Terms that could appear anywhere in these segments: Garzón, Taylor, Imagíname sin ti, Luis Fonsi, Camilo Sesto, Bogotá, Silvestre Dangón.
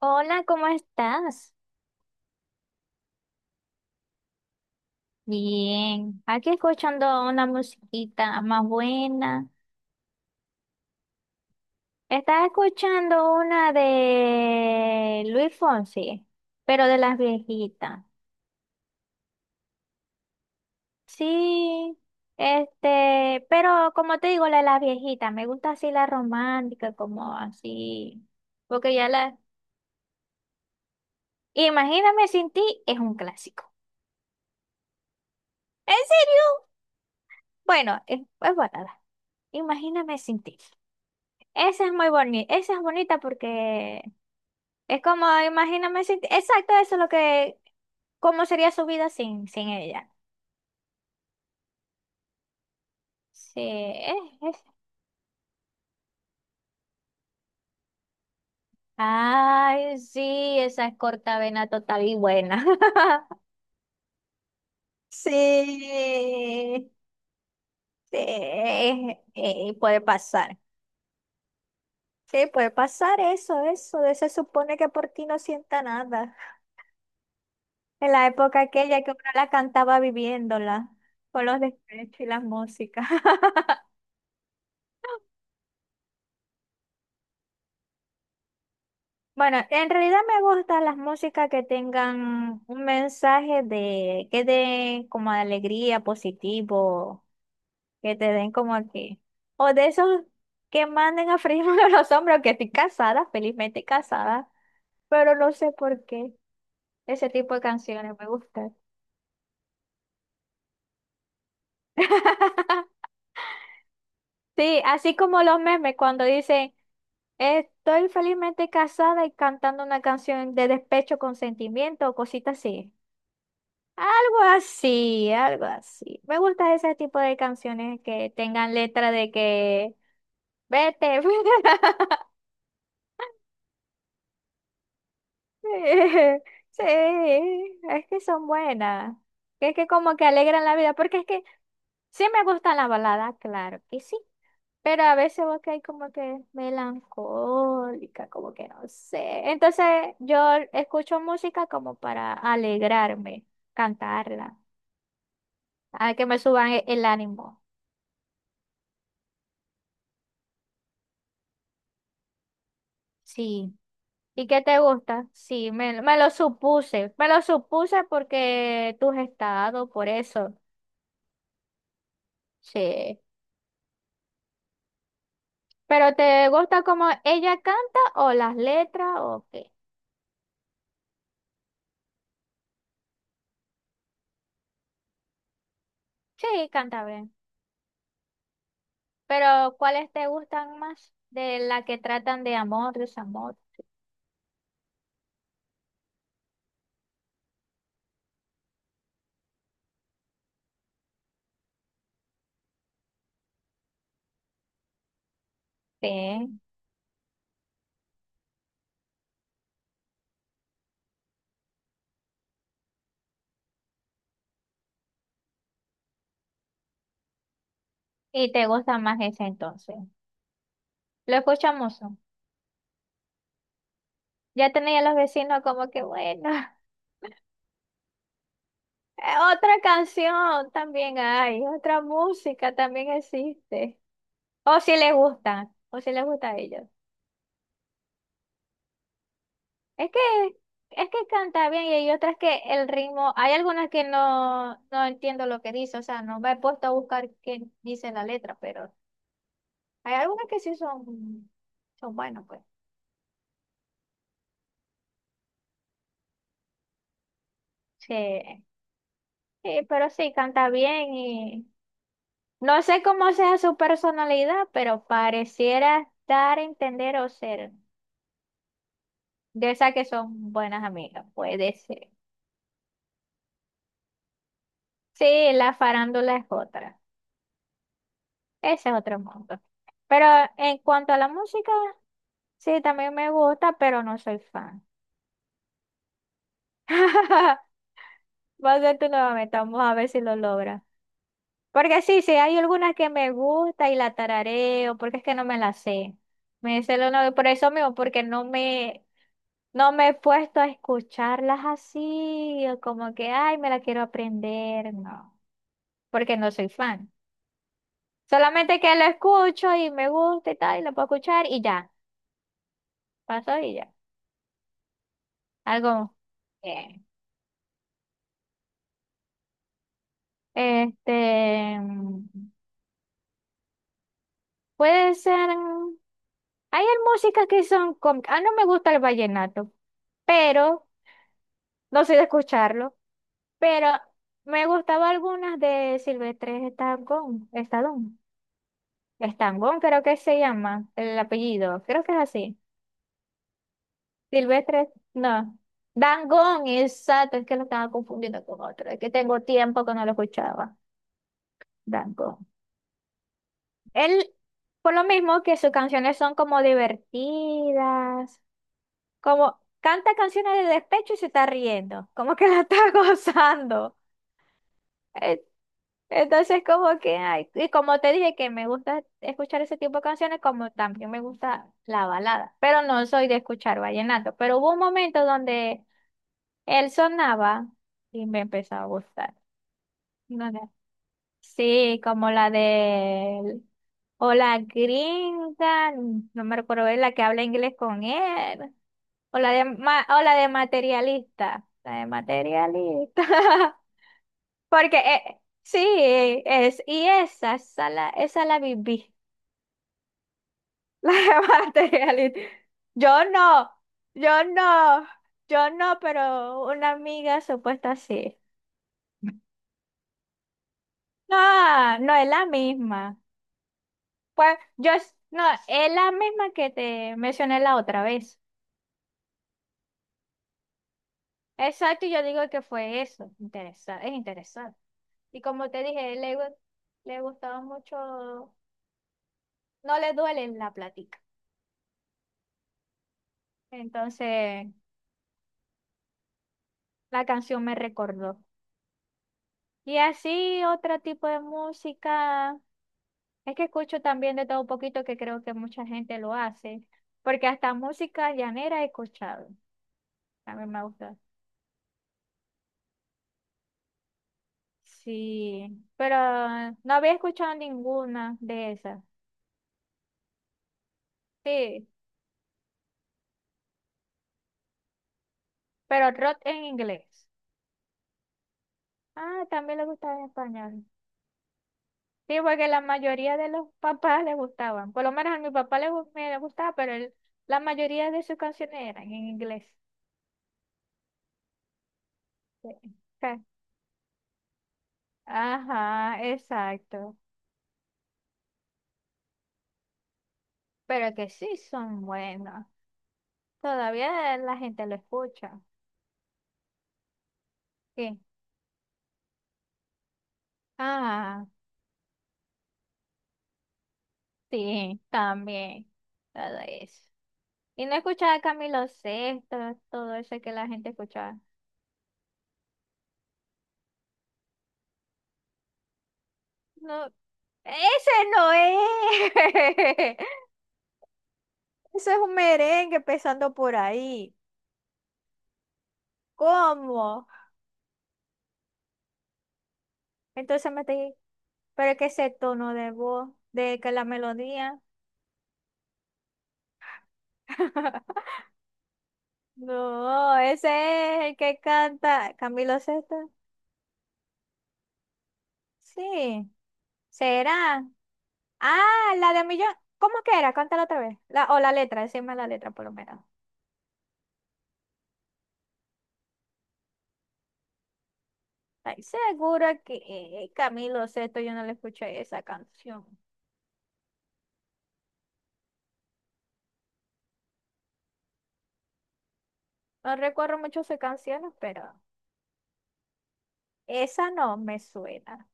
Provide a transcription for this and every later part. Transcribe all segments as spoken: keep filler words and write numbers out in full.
Hola, ¿cómo estás? Bien, aquí escuchando una musiquita más buena. Estaba escuchando una de Luis Fonsi, pero de las viejitas. Sí, este, pero como te digo, la de las viejitas, me gusta así la romántica, como así, porque ya la... Imagíname sin ti es un clásico. ¿En serio? Bueno, es, es balada. Imagíname sin ti. Esa es muy bonita, esa es bonita porque es como, imagíname, si- exacto, eso es lo que, cómo sería su vida sin, sin ella. Sí, es, es- Ay, sí, esa es corta vena total y buena. Sí, sí, eh, eh, puede pasar. Sí, puede pasar eso, eso, de se supone que por ti no sienta nada. En la época aquella que uno la cantaba viviéndola, con los despechos y las músicas. Bueno, en realidad me gustan las músicas que tengan un mensaje de que den como de alegría, positivo, que te den como que, o de esos que manden a freírme los hombros, que estoy casada, felizmente casada, pero no sé por qué ese tipo de canciones me gustan. Sí, así como los memes cuando dicen, estoy felizmente casada y cantando una canción de despecho con sentimiento o cositas así. Algo así, algo así. Me gusta ese tipo de canciones que tengan letra de que vete. Sí, sí, es que son buenas. Que es que como que alegran la vida, porque es que sí me gustan las baladas, claro que sí. Pero a veces vos que hay como que melancólica, como que no sé. Entonces yo escucho música como para alegrarme, cantarla, a que me suban e- el ánimo. Sí. ¿Y qué te gusta? Sí, me, me lo supuse. Me lo supuse porque tú has estado, por eso. Sí. ¿Pero te gusta cómo ella canta o las letras o qué? Sí, canta bien. Pero ¿cuáles te gustan más? De la que tratan de amor, desamor. Sí. ¿Y te gusta más esa entonces? Lo escuchamos, ¿no? Ya tenía los vecinos como que bueno. Otra canción también hay, otra música también existe. O si les gusta, o si les gusta a ellos. Es que, es que canta bien y hay otras que el ritmo, hay algunas que no, no entiendo lo que dice, o sea, no me he puesto a buscar qué dice la letra, pero hay algunas que sí son, son buenas, pues. Sí, sí, pero sí, canta bien y no sé cómo sea su personalidad, pero pareciera dar a entender o ser de esas que son buenas amigas, puede ser. Sí, la farándula es otra. Ese es otro mundo. Pero en cuanto a la música, sí, también me gusta, pero no soy fan. Va a ser tu nuevamente, vamos a ver si lo logra. Porque sí, sí, hay algunas que me gusta y la tarareo, porque es que no me la sé. Me sé lo no, por eso mismo, porque no me, no me he puesto a escucharlas así, o como que, ay, me la quiero aprender, no, porque no soy fan. Solamente que lo escucho y me gusta y tal, y lo puedo escuchar y ya, pasó y ya. Algo, bien. este, mm, Puede ser, mm, hay músicas que son, com- ah, no me gusta el vallenato, pero, no soy de escucharlo, pero me gustaba algunas de Silvestre Estangón, Estadón, Estangón creo que se llama el apellido, creo que es así, Silvestre, no, Dangón, exacto, es que lo estaba confundiendo con otro, es que tengo tiempo que no lo escuchaba, Dangón. Él, por lo mismo que sus canciones son como divertidas, como canta canciones de despecho y se está riendo, como que la está gozando. Eh, Entonces, como que, ay, y como te dije que me gusta escuchar ese tipo de canciones, como también me gusta la balada, pero no soy de escuchar vallenato, pero hubo un momento donde él sonaba y me empezó a gustar. Sí, como la de o la gringa, no me recuerdo, es la que habla inglés con él, o la de ma- o la de materialista, la de materialista. Porque eh, sí, es y esa, esa la, esa la viví, la de materialista. Yo no, yo no, yo no, pero una amiga supuesta sí. No, no es la misma. Pues yo, s- no, es la misma que te mencioné la otra vez. Exacto, y yo digo que fue eso. Interesa- es interesante. Y como te dije, le, gu- le gustaba mucho, no le duele la plática. Entonces, la canción me recordó. Y así, otro tipo de música. Es que escucho también de todo un poquito que creo que mucha gente lo hace. Porque hasta música llanera he escuchado. También me gusta. Sí, pero no había escuchado ninguna de esas. Sí, pero rock en inglés. Ah, también le gustaba en español. Sí, porque la mayoría de los papás le gustaban. Por lo menos a mi papá le, gu- me le gustaba, pero él- la mayoría de sus canciones eran en inglés. Sí. Ja. Ajá, exacto. Pero que sí son buenos. Todavía la gente lo escucha. Sí. Ah, sí, también. Todo eso. Y no escuchaba a Camilo Sesto, todo eso que la gente escuchaba. No, ese no es. Eso es un merengue empezando por ahí. ¿Cómo? Entonces me dije, pero es que ese tono de voz, de que la melodía. No, ese es el que canta Camilo Sesto. Sí, será. Ah, la de Millón. ¿Cómo que era? Cántala otra vez. La, o la letra, decime la letra por lo menos. Ay, segura que eh, Camilo Sesto yo no le escuché esa canción. No recuerdo mucho sus canciones, pero esa no me suena.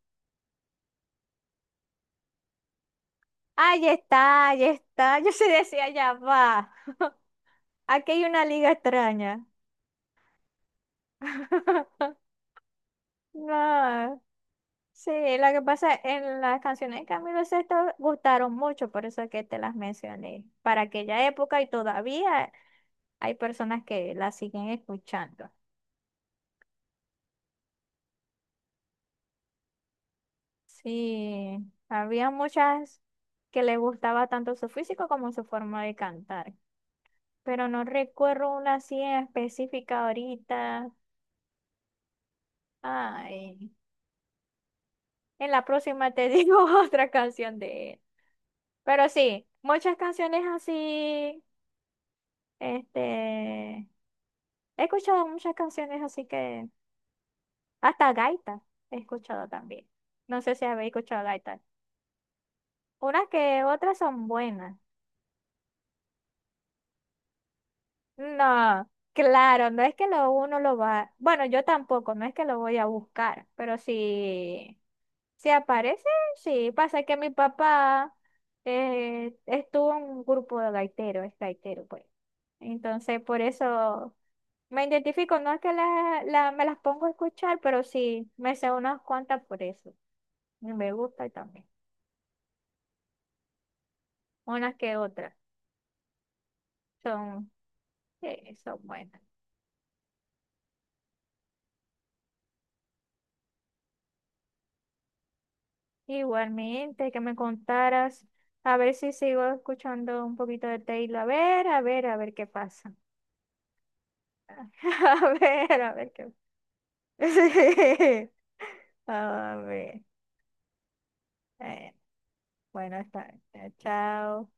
Ahí está, ahí está. Yo se decía, ya va. Aquí hay una liga extraña. No, sí, lo que pasa en las canciones de Camilo Sesto gustaron mucho, por eso es que te las mencioné. Para aquella época y todavía hay personas que las siguen escuchando. Sí, había muchas que le gustaba tanto su físico como su forma de cantar, pero no recuerdo una así en específica ahorita. Ay, en la próxima te digo otra canción de él. Pero sí, muchas canciones así, este, he escuchado muchas canciones así que, hasta gaita he escuchado también. No sé si habéis escuchado gaita. Unas que otras son buenas. No, claro, no es que lo uno lo va, bueno, yo tampoco, no es que lo voy a buscar, pero si, si aparece, sí, pasa que mi papá eh, estuvo en un grupo de gaiteros, es gaitero, pues. Entonces, por eso me identifico, no es que la, la- me las pongo a escuchar, pero sí, me sé unas cuantas por eso. Y me gusta también, unas que otras, son, sí, son buenas. Igualmente, que me contaras, a ver si sigo escuchando un poquito de Taylor, a ver, a ver, a ver qué pasa. A ver, a ver qué pasa. A ver, eh, bueno, está bien. Chao.